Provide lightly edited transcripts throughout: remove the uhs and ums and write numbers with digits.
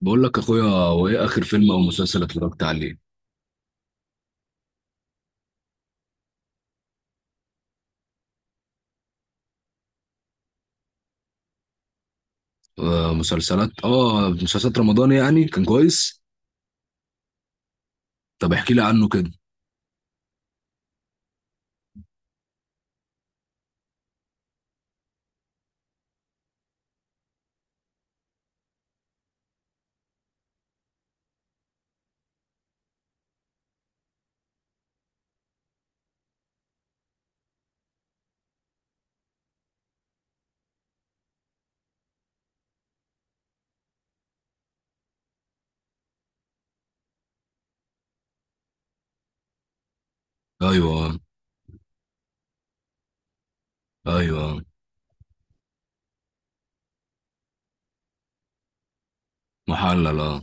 بقول لك يا اخويا، وايه اخر فيلم او مسلسل اتفرجت عليه؟ آه، مسلسلات رمضان يعني كان كويس. طب احكي لي عنه كده. ايوه. ايوه. محلل، اه.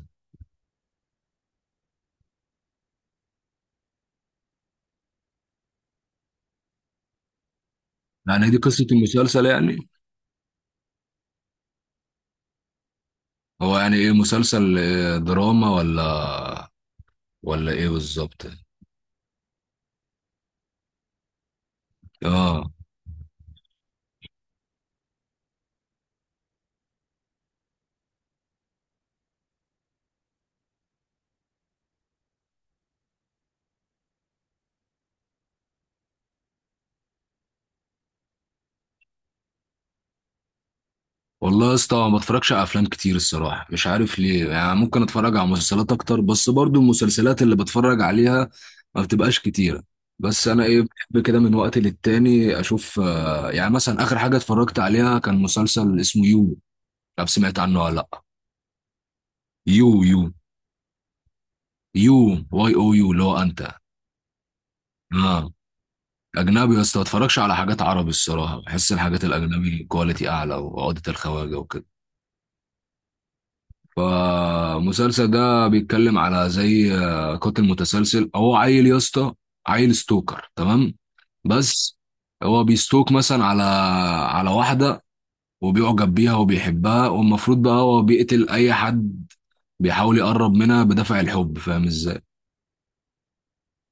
يعني دي قصة المسلسل يعني؟ هو يعني ايه، مسلسل دراما ولا ايه بالظبط؟ اه. والله يا اسطى، ما بتفرجش على افلام كتير الصراحه، مش عارف ليه يعني، ممكن اتفرج على مسلسلات اكتر، بس برضو المسلسلات اللي بتفرج عليها ما بتبقاش كتيره. بس انا ايه، بحب كده من وقت للتاني اشوف، يعني مثلا اخر حاجه اتفرجت عليها كان مسلسل اسمه يو، مش عارف، سمعت عنه ولا لا؟ يو يو يو YOU، اللي هو انت. اه. اجنبي يا اسطى، ما اتفرجش على حاجات عربي الصراحه، بحس الحاجات الاجنبي كواليتي اعلى وعقده الخواجه وكده. فالمسلسل ده بيتكلم على زي قاتل متسلسل، هو عيل يا اسطى، عيل ستوكر تمام، بس. هو بيستوك مثلا على واحدة، وبيعجب بيها وبيحبها، والمفروض بقى هو بيقتل أي حد بيحاول يقرب منها بدافع الحب، فاهم ازاي؟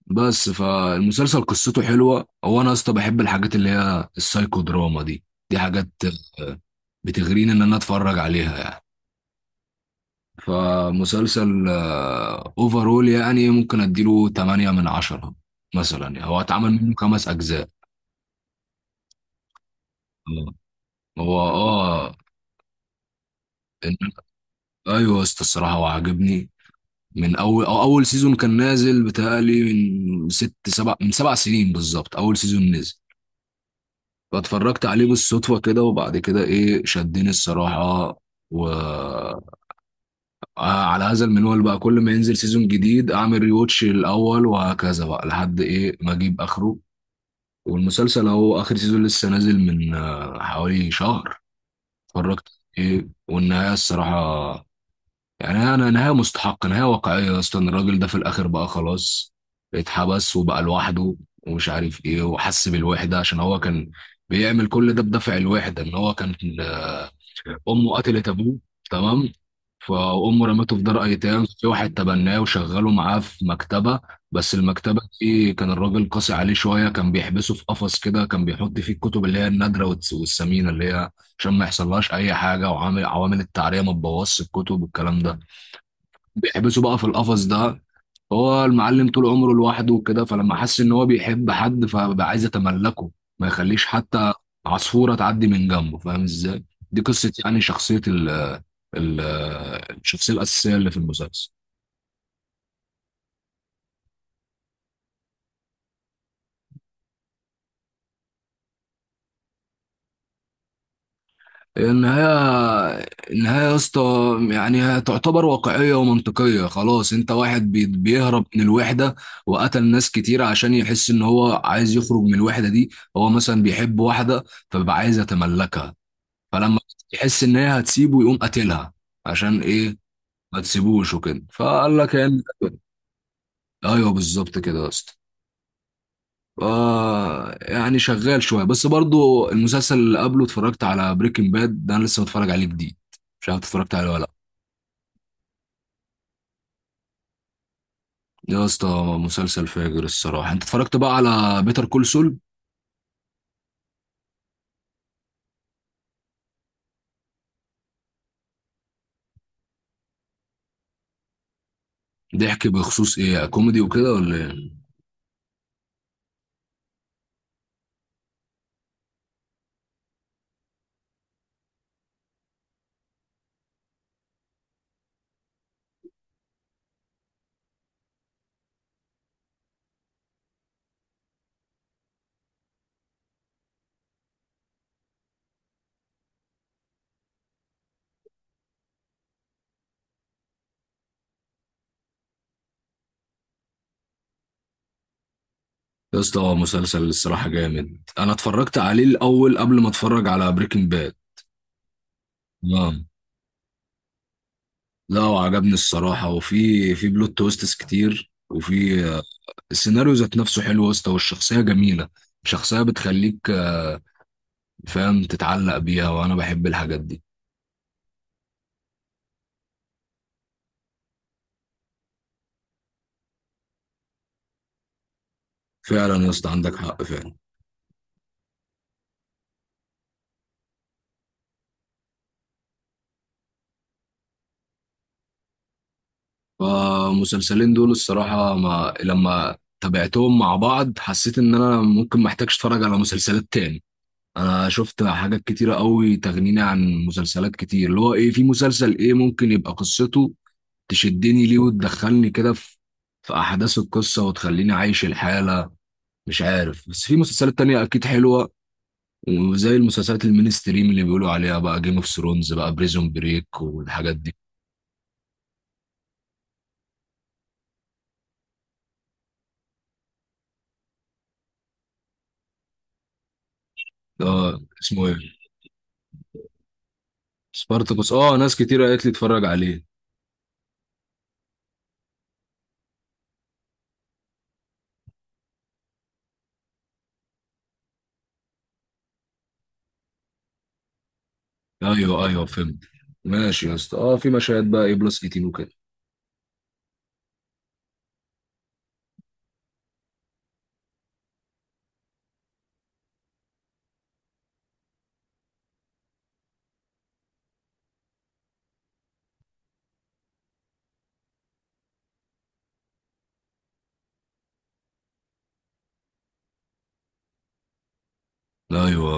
بس فالمسلسل قصته حلوة، هو أنا يا اسطى بحب الحاجات اللي هي السايكو دراما دي، دي حاجات آه، بتغريني إن أنا أتفرج عليها يعني. فمسلسل اوفرول يعني ممكن اديله 8 من 10 مثلا، يعني هو اتعمل منه خمس اجزاء. آه. هو اه إن- ايوه يا اسطى الصراحه، هو عاجبني من اول، أو اول سيزون كان نازل، بتهيألي من ست سبع من 7 سنين بالظبط اول سيزون نزل. فاتفرجت عليه بالصدفه كده، وبعد كده ايه، شدني الصراحه، و على هذا المنوال بقى، كل ما ينزل سيزون جديد اعمل ريوتش الاول، وهكذا بقى لحد ايه ما اجيب اخره. والمسلسل اهو اخر سيزون لسه نازل من حوالي شهر اتفرجت. ايه والنهايه الصراحه، يعني انا نهايه مستحقه نهايه واقعيه، اصلا الراجل ده في الاخر بقى خلاص، اتحبس وبقى لوحده ومش عارف ايه وحس بالوحده، عشان هو كان بيعمل كل ده بدافع الوحده، ان هو كان امه قتلت ابوه تمام. فامه رمته في دار ايتام، في واحد تبناه وشغله معاه في مكتبه. بس المكتبه دي كان الراجل قاسي عليه شويه، كان بيحبسه في قفص كده، كان بيحط فيه الكتب اللي هي النادره والثمينه، اللي هي عشان ما يحصلهاش اي حاجه، وعامل عوامل التعريه ما تبوظش الكتب والكلام ده. بيحبسه بقى في القفص ده، هو المعلم طول عمره لوحده وكده، فلما حس ان هو بيحب حد، فبقى عايز يتملكه، ما يخليش حتى عصفورة تعدي من جنبه، فاهم ازاي؟ دي قصة يعني شخصية ال ال الشخصية الأساسية اللي في المسلسل. النهاية، النهاية يا اسطى، يعني هي تعتبر واقعية ومنطقية، خلاص. انت واحد بيهرب من الوحدة وقتل ناس كتير، عشان يحس ان هو عايز يخرج من الوحدة دي، هو مثلا بيحب واحدة فبيبقى عايز يتملكها، فلما يحس ان هي هتسيبه يقوم قاتلها، عشان ايه؟ ما تسيبوش وكده، فقال لك يعني. ايوه بالظبط كده يا اسطى. ف- يعني شغال شويه، بس برضو المسلسل اللي قبله اتفرجت على بريكنج باد، ده انا لسه متفرج عليه جديد، مش عارف اتفرجت عليه ولا لا. يا اسطى، مسلسل فاجر الصراحه، انت اتفرجت بقى على بيتر كول سول؟ بيحكي بخصوص ايه، كوميدي وكده ولا ايه؟ يا اسطى، هو مسلسل الصراحه جامد، انا اتفرجت عليه الاول قبل ما اتفرج على بريكنج باد. لا، وعجبني الصراحة، وفي بلوت تويستس كتير، وفي السيناريو ذات نفسه حلو يا اسطى، والشخصية جميلة، شخصية بتخليك فاهم تتعلق بيها، وأنا بحب الحاجات دي. فعلا يا اسطى، عندك حق فعلا. فالمسلسلين دول الصراحة، ما لما تابعتهم مع بعض حسيت إن أنا ممكن محتاجش أتفرج على مسلسلات تاني، أنا شفت حاجات كتيرة قوي تغنيني عن مسلسلات كتير، اللي هو إيه، في مسلسل إيه ممكن يبقى قصته تشدني ليه وتدخلني كده في احداث القصه، وتخليني عايش الحاله. مش عارف، بس في مسلسلات تانية اكيد حلوه، وزي المسلسلات المينستريم اللي بيقولوا عليها بقى جيم اوف ثرونز بقى، بريزون بريك، والحاجات دي. اه، اسمه ايه؟ سبارتاكوس، اه، ناس كتير قالت لي اتفرج عليه. ايوه، ايوه، فهمت. ماشي يا اسطى، اه، في مشاهد بقى ايه بلس 18 وكده؟ ايوه،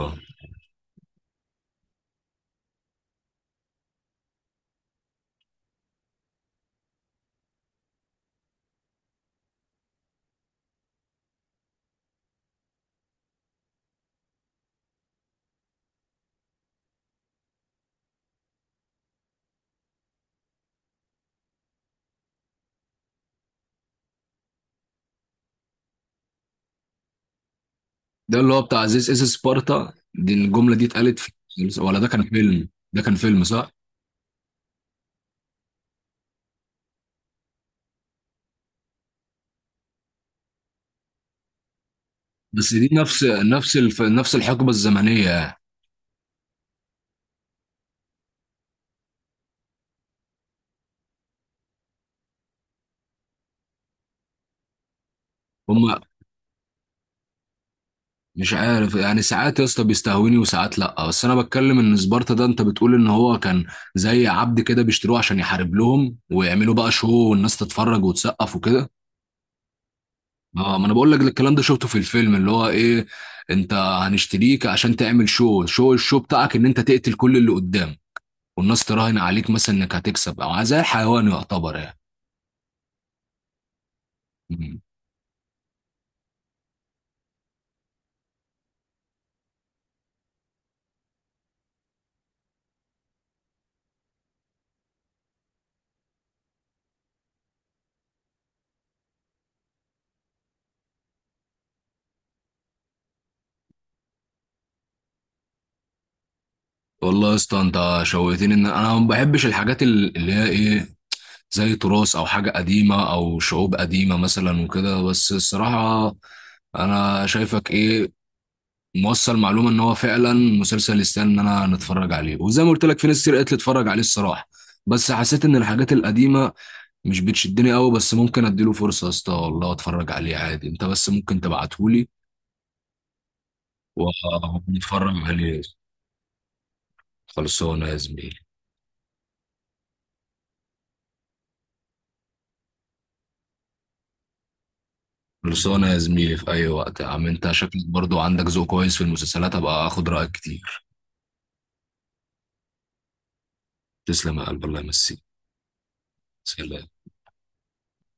ده اللي هو بتاع عزيز اس سبارتا دي، الجمله دي اتقالت في ولا ده كان فيلم، ده كان فيلم، صح؟ بس دي نفس الحقبه الزمنيه يعني. هم مش عارف، يعني ساعات يا اسطى بيستهوني وساعات لا، بس انا بتكلم ان سبارتا ده، انت بتقول ان هو كان زي عبد كده بيشتروه عشان يحارب لهم ويعملوا بقى شو، والناس تتفرج وتسقف وكده. اه، ما انا بقول لك الكلام ده شفته في الفيلم، اللي هو ايه، انت هنشتريك عشان تعمل شو شو الشو بتاعك، ان انت تقتل كل اللي قدام، والناس تراهن عليك مثلا انك هتكسب، او زي الحيوان يعتبر يعني. والله يا اسطى، انت شوقتني، ان انا ما بحبش الحاجات اللي هي ايه، زي تراث او حاجه قديمه او شعوب قديمه مثلا وكده، بس الصراحه انا شايفك ايه، موصل معلومه ان هو فعلا مسلسل يستاهل ان انا نتفرج عليه، وزي ما قلت لك في ناس كتير قالت لي اتفرج عليه الصراحه. بس حسيت ان الحاجات القديمه مش بتشدني قوي، بس ممكن اديله فرصه يا اسطى والله، اتفرج عليه عادي، انت بس ممكن تبعتهولي ونتفرج عليه. خلصانه يا زميلي. خلصانة يا زميلي في أي وقت، يا عم أنت شكلك برضو عندك ذوق كويس في المسلسلات، أبقى أخد رأيك كتير. تسلم يا قلب، الله يمسيك. سلام.